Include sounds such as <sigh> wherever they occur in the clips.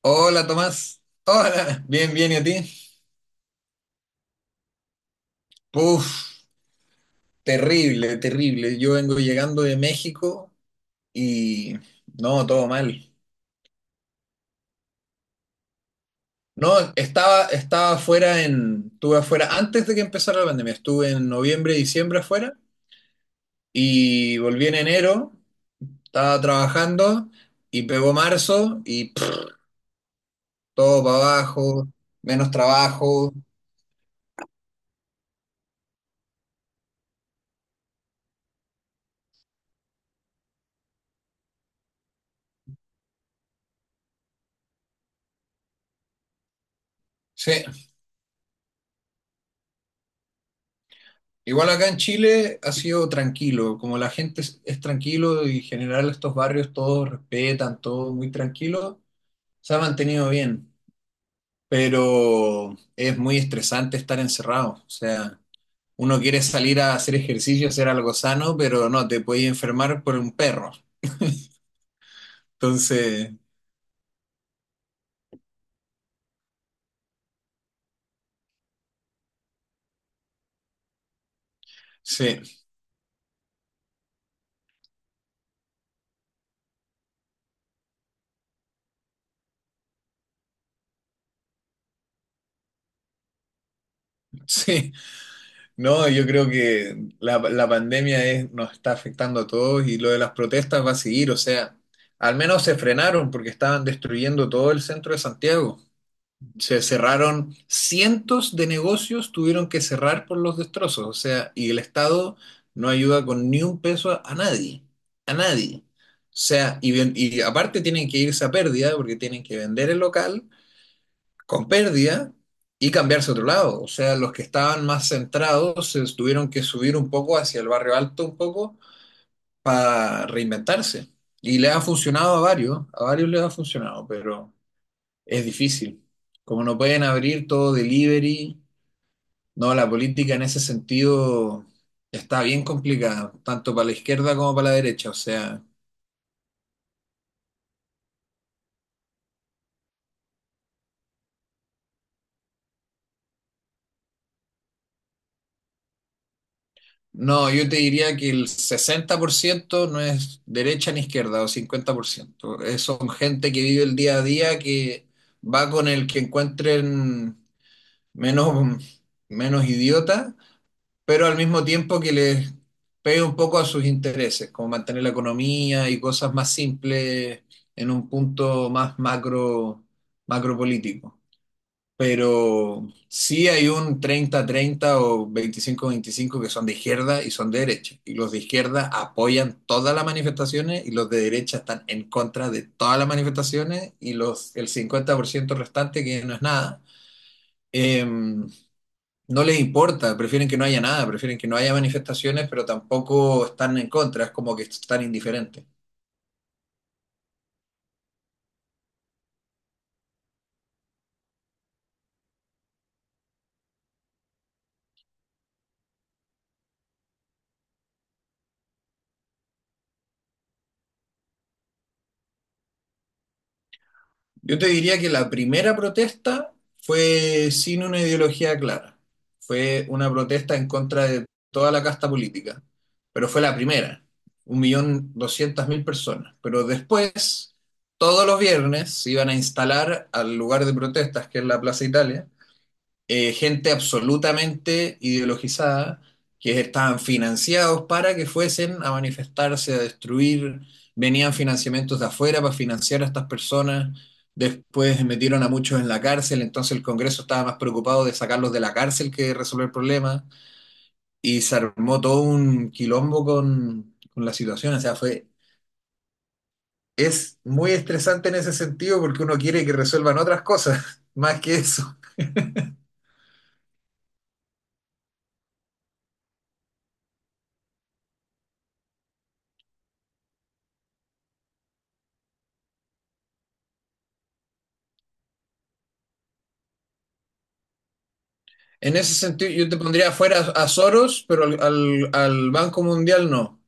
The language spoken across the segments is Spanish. Hola Tomás, hola, bien, bien, ¿y a ti? Puf, terrible, terrible. Yo vengo llegando de México y no, todo mal. No, estuve afuera antes de que empezara la pandemia, estuve en noviembre, diciembre afuera y volví en enero, estaba trabajando y pegó marzo y todo para abajo, menos trabajo. Sí, igual acá en Chile ha sido tranquilo, como la gente es tranquilo y en general estos barrios todos respetan, todo muy tranquilo, se ha mantenido bien, pero es muy estresante estar encerrado, o sea, uno quiere salir a hacer ejercicio, hacer algo sano, pero no, te puedes enfermar por un perro. Entonces, sí, <laughs> sí. No, yo creo que la pandemia nos está afectando a todos y lo de las protestas va a seguir. O sea, al menos se frenaron porque estaban destruyendo todo el centro de Santiago. Se cerraron cientos de negocios, tuvieron que cerrar por los destrozos. O sea, y el Estado no ayuda con ni un peso a nadie, a nadie. O sea, y aparte tienen que irse a pérdida porque tienen que vender el local con pérdida y cambiarse a otro lado. O sea, los que estaban más centrados se tuvieron que subir un poco hacia el barrio alto un poco para reinventarse. Y les ha funcionado a varios les ha funcionado, pero es difícil. Como no pueden abrir todo delivery, no, la política en ese sentido está bien complicada, tanto para la izquierda como para la derecha. O sea, no, yo te diría que el 60% no es derecha ni izquierda, o 50%. Son gente que vive el día a día, que va con el que encuentren menos, menos idiota, pero al mismo tiempo que les pegue un poco a sus intereses, como mantener la economía y cosas más simples en un punto más macro, macro político. Pero sí hay un treinta treinta o veinticinco veinticinco que son de izquierda y son de derecha. Y los de izquierda apoyan todas las manifestaciones y los de derecha están en contra de todas las manifestaciones y los, el 50% restante, que no es nada, eh, no les importa, prefieren que no haya nada, prefieren que no haya manifestaciones, pero tampoco están en contra, es como que están indiferentes. Yo te diría que la primera protesta fue sin una ideología clara. Fue una protesta en contra de toda la casta política, pero fue la primera, 1,200,000 personas. Pero después, todos los viernes se iban a instalar al lugar de protestas, que es la Plaza Italia, gente absolutamente ideologizada que estaban financiados para que fuesen a manifestarse, a destruir, venían financiamientos de afuera para financiar a estas personas, después metieron a muchos en la cárcel, entonces el Congreso estaba más preocupado de sacarlos de la cárcel que de resolver el problema, y se armó todo un quilombo con la situación, o sea, fue, es muy estresante en ese sentido porque uno quiere que resuelvan otras cosas, <laughs> más que eso. En ese sentido, yo te pondría afuera a Soros, pero al Banco Mundial no,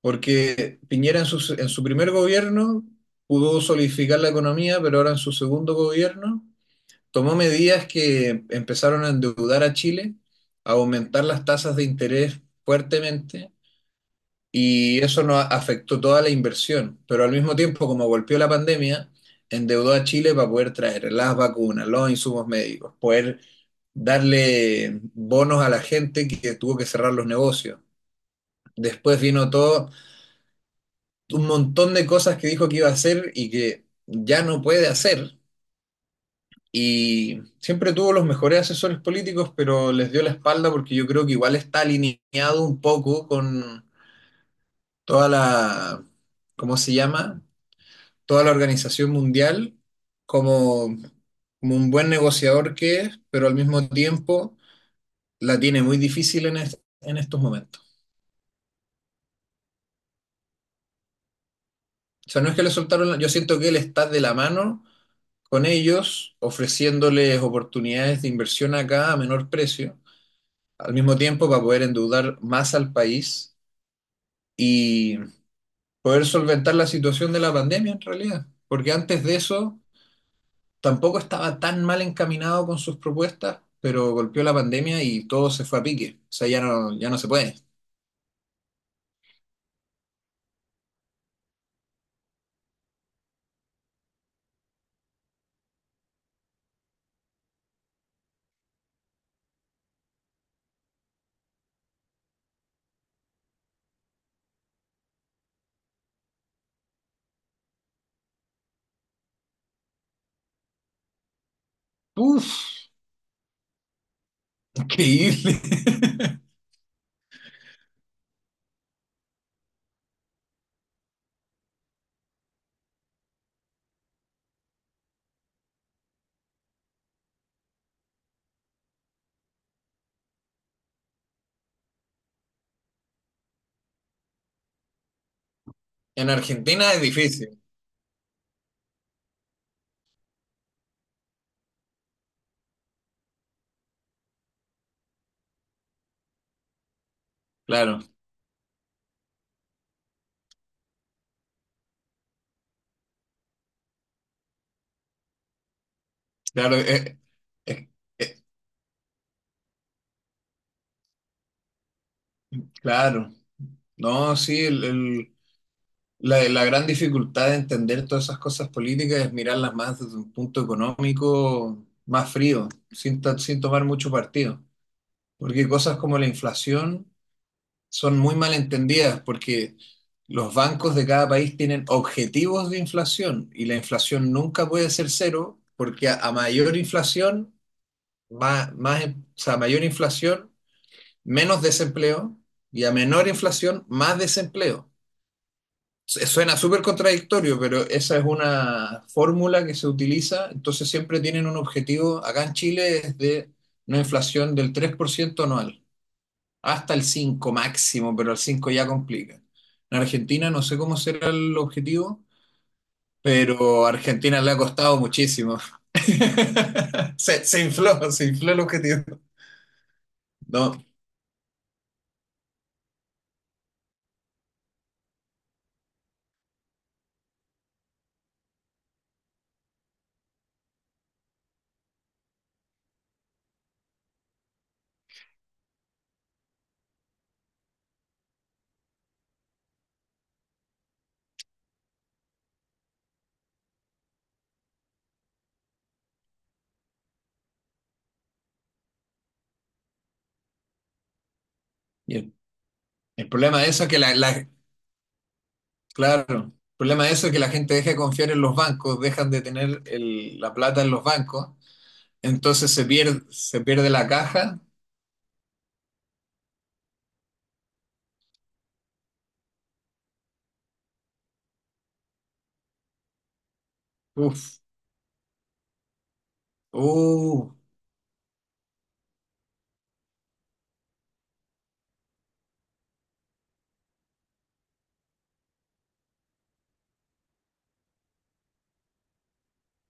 porque Piñera en su primer gobierno pudo solidificar la economía, pero ahora en su segundo gobierno tomó medidas que empezaron a endeudar a Chile, a aumentar las tasas de interés fuertemente, y eso nos afectó toda la inversión, pero al mismo tiempo, como golpeó la pandemia, endeudó a Chile para poder traer las vacunas, los insumos médicos, poder darle bonos a la gente que tuvo que cerrar los negocios. Después vino todo, un montón de cosas que dijo que iba a hacer y que ya no puede hacer. Y siempre tuvo los mejores asesores políticos, pero les dio la espalda porque yo creo que igual está alineado un poco con toda la, ¿cómo se llama? Toda la organización mundial como, como un buen negociador que es, pero al mismo tiempo la tiene muy difícil en, en estos momentos. O sea, no es que le soltaron, yo siento que él está de la mano con ellos, ofreciéndoles oportunidades de inversión acá a menor precio, al mismo tiempo para poder endeudar más al país y poder solventar la situación de la pandemia en realidad. Porque antes de eso tampoco estaba tan mal encaminado con sus propuestas, pero golpeó la pandemia y todo se fue a pique. O sea, ya no, ya no se puede. Uf, increíble. <laughs> En Argentina es difícil, claro, claro, eh, eh, claro. No, sí, la gran dificultad de entender todas esas cosas políticas es mirarlas más desde un punto económico más frío, sin tomar mucho partido. Porque cosas como la inflación son muy mal entendidas porque los bancos de cada país tienen objetivos de inflación y la inflación nunca puede ser cero porque a mayor inflación, o sea, a mayor inflación, menos desempleo y a menor inflación, más desempleo. Suena súper contradictorio, pero esa es una fórmula que se utiliza. Entonces siempre tienen un objetivo, acá en Chile es de una inflación del 3% anual. Hasta el 5 máximo, pero el 5 ya complica. En Argentina no sé cómo será el objetivo, pero a Argentina le ha costado muchísimo. <laughs> Se infló, se infló el objetivo. No, y el problema de eso es que claro, el problema de eso es que la gente deja de confiar en los bancos, dejan de tener la plata en los bancos, entonces se pierde la caja. Uf, uh.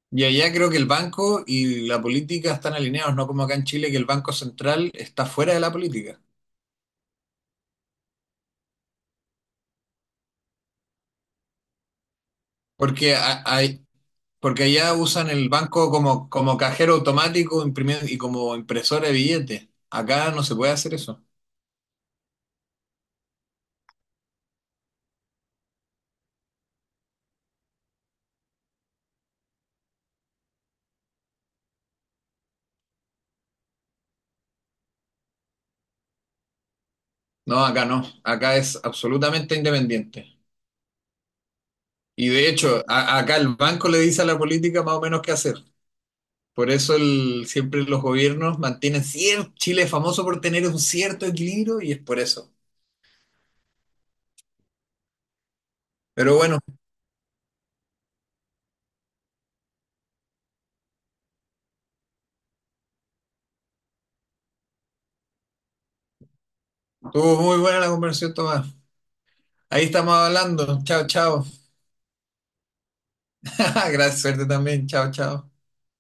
Y allá creo que el banco y la política están alineados, no como acá en Chile, que el Banco Central está fuera de la política. Porque, a- hay, porque allá usan el banco como, como cajero automático y como impresora de billetes. Acá no se puede hacer eso. No, acá no. Acá es absolutamente independiente. Y de hecho, acá el banco le dice a la política más o menos qué hacer. Por eso el, siempre los gobiernos mantienen cierto, Chile es famoso por tener un cierto equilibrio y es por eso. Pero bueno. Estuvo muy buena la conversación, Tomás. Ahí estamos hablando. Chao, chao. <laughs> Gracias, suerte también. Chao, chao.